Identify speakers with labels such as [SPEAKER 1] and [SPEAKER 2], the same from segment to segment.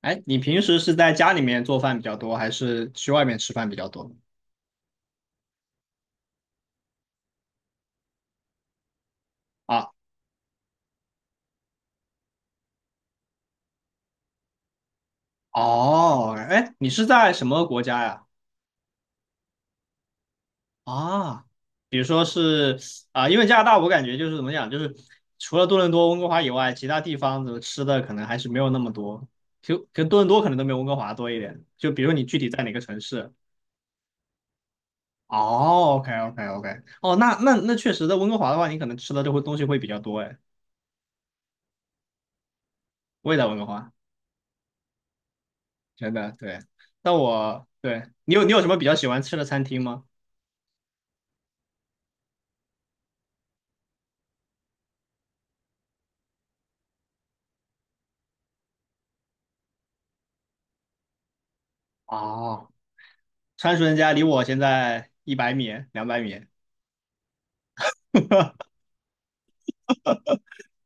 [SPEAKER 1] 哎，你平时是在家里面做饭比较多，还是去外面吃饭比较多？啊，哦，哎，你是在什么国家呀？啊，比如说是。啊，因为加拿大，我感觉就是怎么讲，就是除了多伦多、温哥华以外，其他地方的吃的可能还是没有那么多，就跟多伦多可能都没有温哥华多一点。就比如你具体在哪个城市？哦，OK OK OK，哦，那确实，在温哥华的话，你可能吃的这会东西会比较多，哎，我也在温哥华。真的对。但我对你有什么比较喜欢吃的餐厅吗？哦，川蜀人家离我现在100米、200米。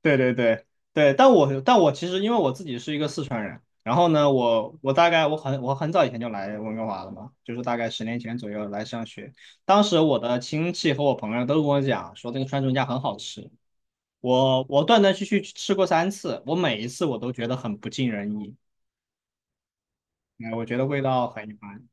[SPEAKER 1] 对对对对，但我其实因为我自己是一个四川人，然后呢，我大概我很早以前就来温哥华了嘛，就是大概10年前左右来上学。当时我的亲戚和我朋友都跟我讲说这个川蜀人家很好吃，我断断续续吃过3次，我每一次我都觉得很不尽人意，哎，我觉得味道很一般。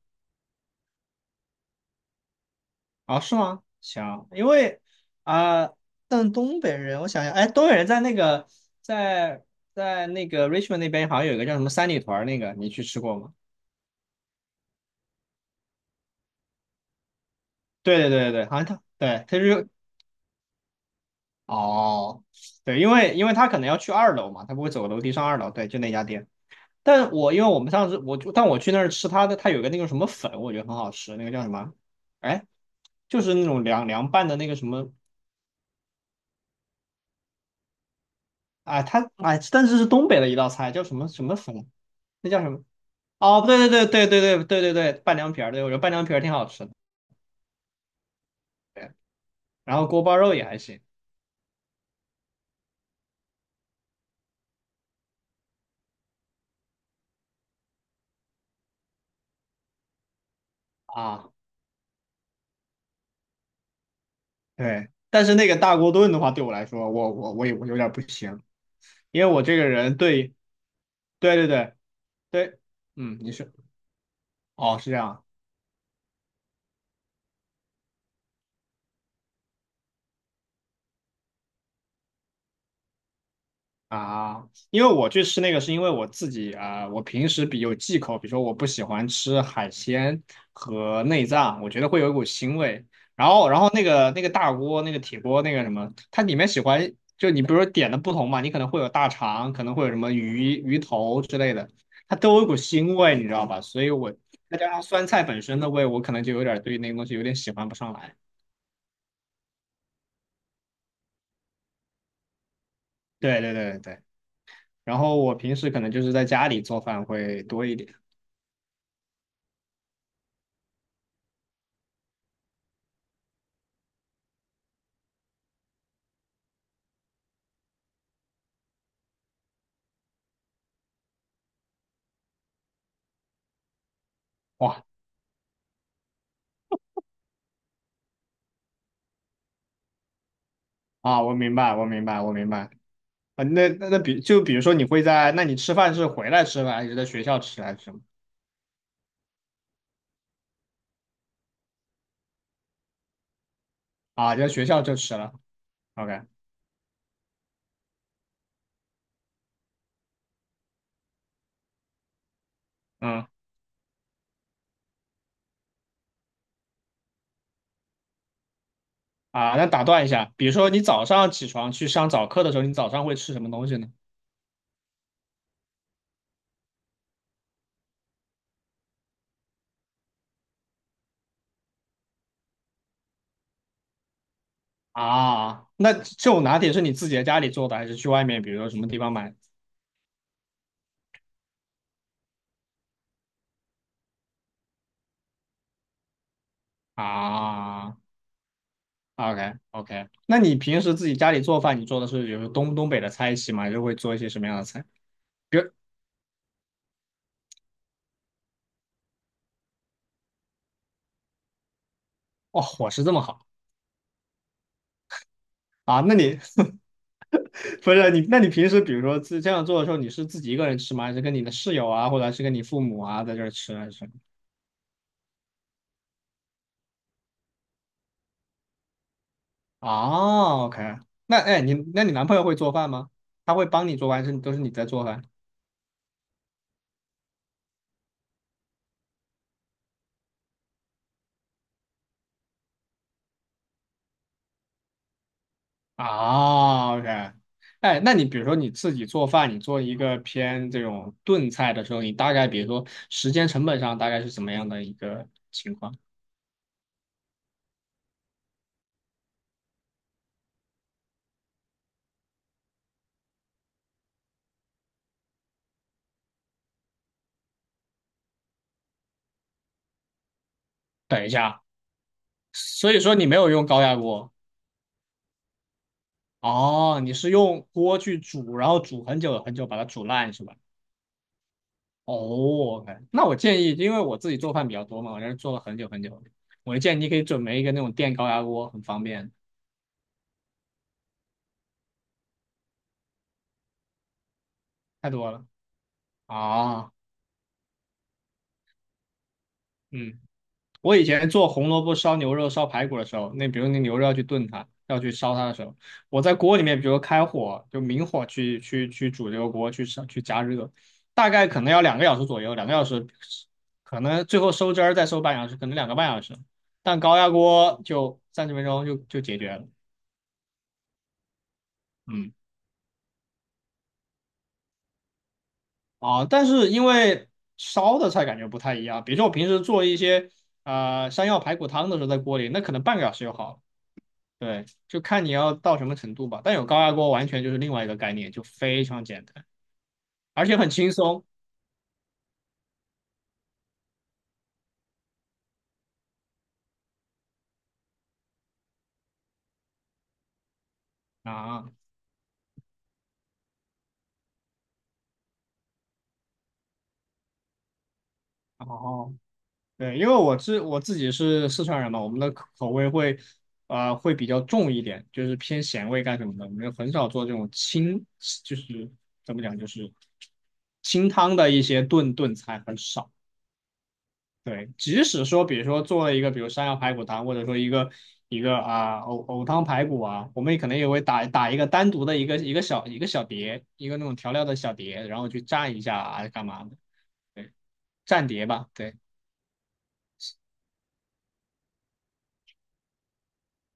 [SPEAKER 1] 啊，是吗？行，因为啊、但东北人，我想想，哎，东北人在在那个 Richmond 那边好像有一个叫什么三里屯儿那个，你去吃过吗？对对对对对，好像他就是。哦，对，因为他可能要去二楼嘛，他不会走个楼梯上二楼，对，就那家店。但我因为我们上次我就但我去那儿吃他的，他有个那个什么粉，我觉得很好吃，那个叫什么？哎，就是那种凉拌的那个什么。啊，他哎，但是东北的一道菜，叫什么什么粉？那叫什么？哦，对对对对对对对对对，拌凉皮儿，对，我觉得拌凉皮儿挺好吃的，对，然后锅包肉也还行。啊，对，但是那个大锅炖的话，对我来说，我有点不行，因为我这个人对对对对对。嗯，你是。哦是这样。啊，因为我去吃那个是因为我自己啊，我平时比有忌口，比如说我不喜欢吃海鲜和内脏，我觉得会有一股腥味。然后那个大锅、那个铁锅、那个什么，它里面喜欢就你比如说点的不同嘛，你可能会有大肠，可能会有什么鱼头之类的，它都有一股腥味，你知道吧？所以我再加上酸菜本身的味，我可能就有点对那个东西有点喜欢不上来。对对对对对。然后我平时可能就是在家里做饭会多一点。哇，啊，我明白，我明白，我明白。啊，那比如说你会在，那你吃饭是回来吃饭，还是在学校吃，还是什么？啊，就在学校就吃了。OK，嗯，啊，那打断一下，比如说你早上起床去上早课的时候，你早上会吃什么东西呢？啊，那这种拿铁是你自己在家里做的，还是去外面，比如说什么地方买？啊，OK OK，那你平时自己家里做饭，你做的是比如说东北的菜系吗？还是会做一些什么样的菜？比如，哇，伙食这么好啊？那你 不是你，那你平时比如说这样做的时候，你是自己一个人吃吗？还是跟你的室友啊，或者是跟你父母啊在这儿吃啊？还是？哦，OK，那哎，那你男朋友会做饭吗？他会帮你做饭，还是都是你在做饭？啊，OK，哎，那你比如说你自己做饭，你做一个偏这种炖菜的时候，你大概比如说时间成本上大概是怎么样的一个情况？等一下，所以说你没有用高压锅。哦，你是用锅去煮，然后煮很久很久把它煮烂是吧？哦，OK，那我建议，因为我自己做饭比较多嘛，我在这做了很久很久，我就建议你可以准备一个那种电高压锅，很方便，太多了。啊，嗯，我以前做红萝卜烧牛肉、烧排骨的时候，那比如那牛肉要去炖它，要去烧它的时候，我在锅里面，比如开火，就明火去煮这个锅，去烧去加热，大概可能要两个小时左右，两个小时，可能最后收汁儿再收半小时，可能2个半小时，但高压锅就30分钟就解决了。嗯。啊，但是因为烧的菜感觉不太一样，比如说我平时做一些山药排骨汤的时候，在锅里那可能半个小时就好了。对，就看你要到什么程度吧。但有高压锅完全就是另外一个概念，就非常简单，而且很轻松。啊。然后对，因为我自己是四川人嘛，我们的口味会比较重一点，就是偏咸味干什么的，我们很少做这种清，就是怎么讲，就是清汤的一些炖菜很少。对，即使说，比如说做了一个，比如山药排骨汤，或者说一个啊藕汤排骨啊，我们也可能也会打一个单独的一个小碟，一个那种调料的小碟，然后去蘸一下啊干嘛的，对，蘸碟吧，对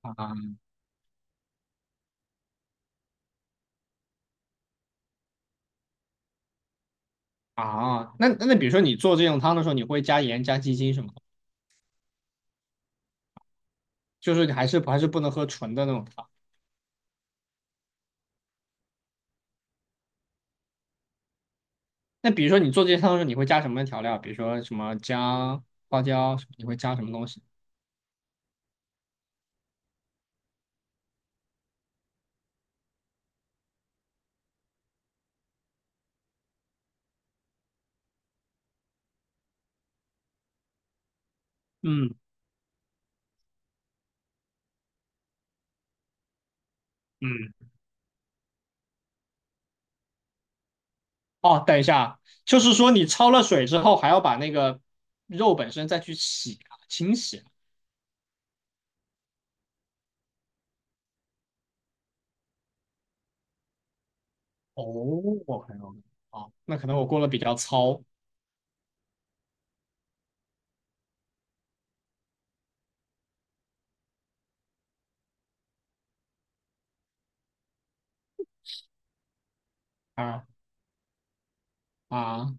[SPEAKER 1] 啊。啊，那比如说你做这种汤的时候，你会加盐加鸡精什么的？就是你还是不能喝纯的那种汤。那比如说你做这些汤的时候，你会加什么调料？比如说什么姜、花椒，你会加什么东西？嗯嗯。哦，等一下啊，就是说你焯了水之后，还要把那个肉本身再去洗啊、清洗啊。哦，我朋了。哦，那可能我过得比较糙。啊啊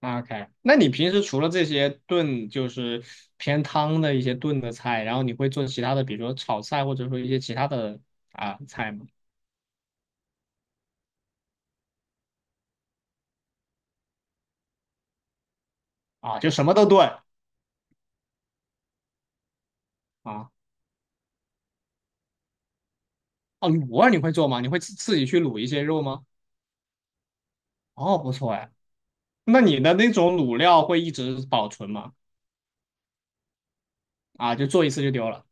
[SPEAKER 1] 啊，OK。那你平时除了这些炖，就是偏汤的一些炖的菜，然后你会做其他的，比如说炒菜，或者说一些其他的菜吗？啊，就什么都炖啊。哦，卤味你会做吗？你会自己去卤一些肉吗？哦，不错哎。那你的那种卤料会一直保存吗？啊，就做一次就丢了。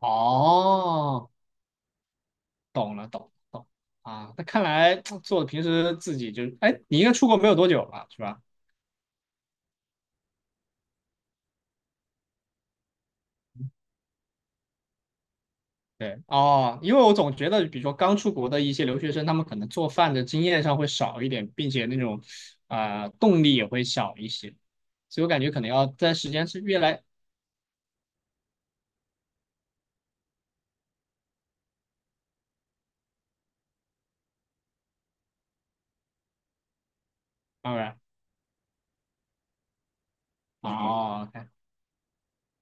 [SPEAKER 1] 哦，懂了，懂了懂了啊。那看来 做的平时自己就，哎，你应该出国没有多久吧，是吧？对，哦，因为我总觉得，比如说刚出国的一些留学生，他们可能做饭的经验上会少一点，并且那种动力也会小一些，所以我感觉可能要在时间是越来，当然，哦，OK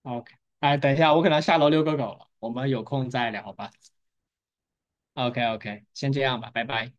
[SPEAKER 1] OK，哎，等一下，我可能要下楼遛个狗了，我们有空再聊吧。OK OK，先这样吧，拜拜。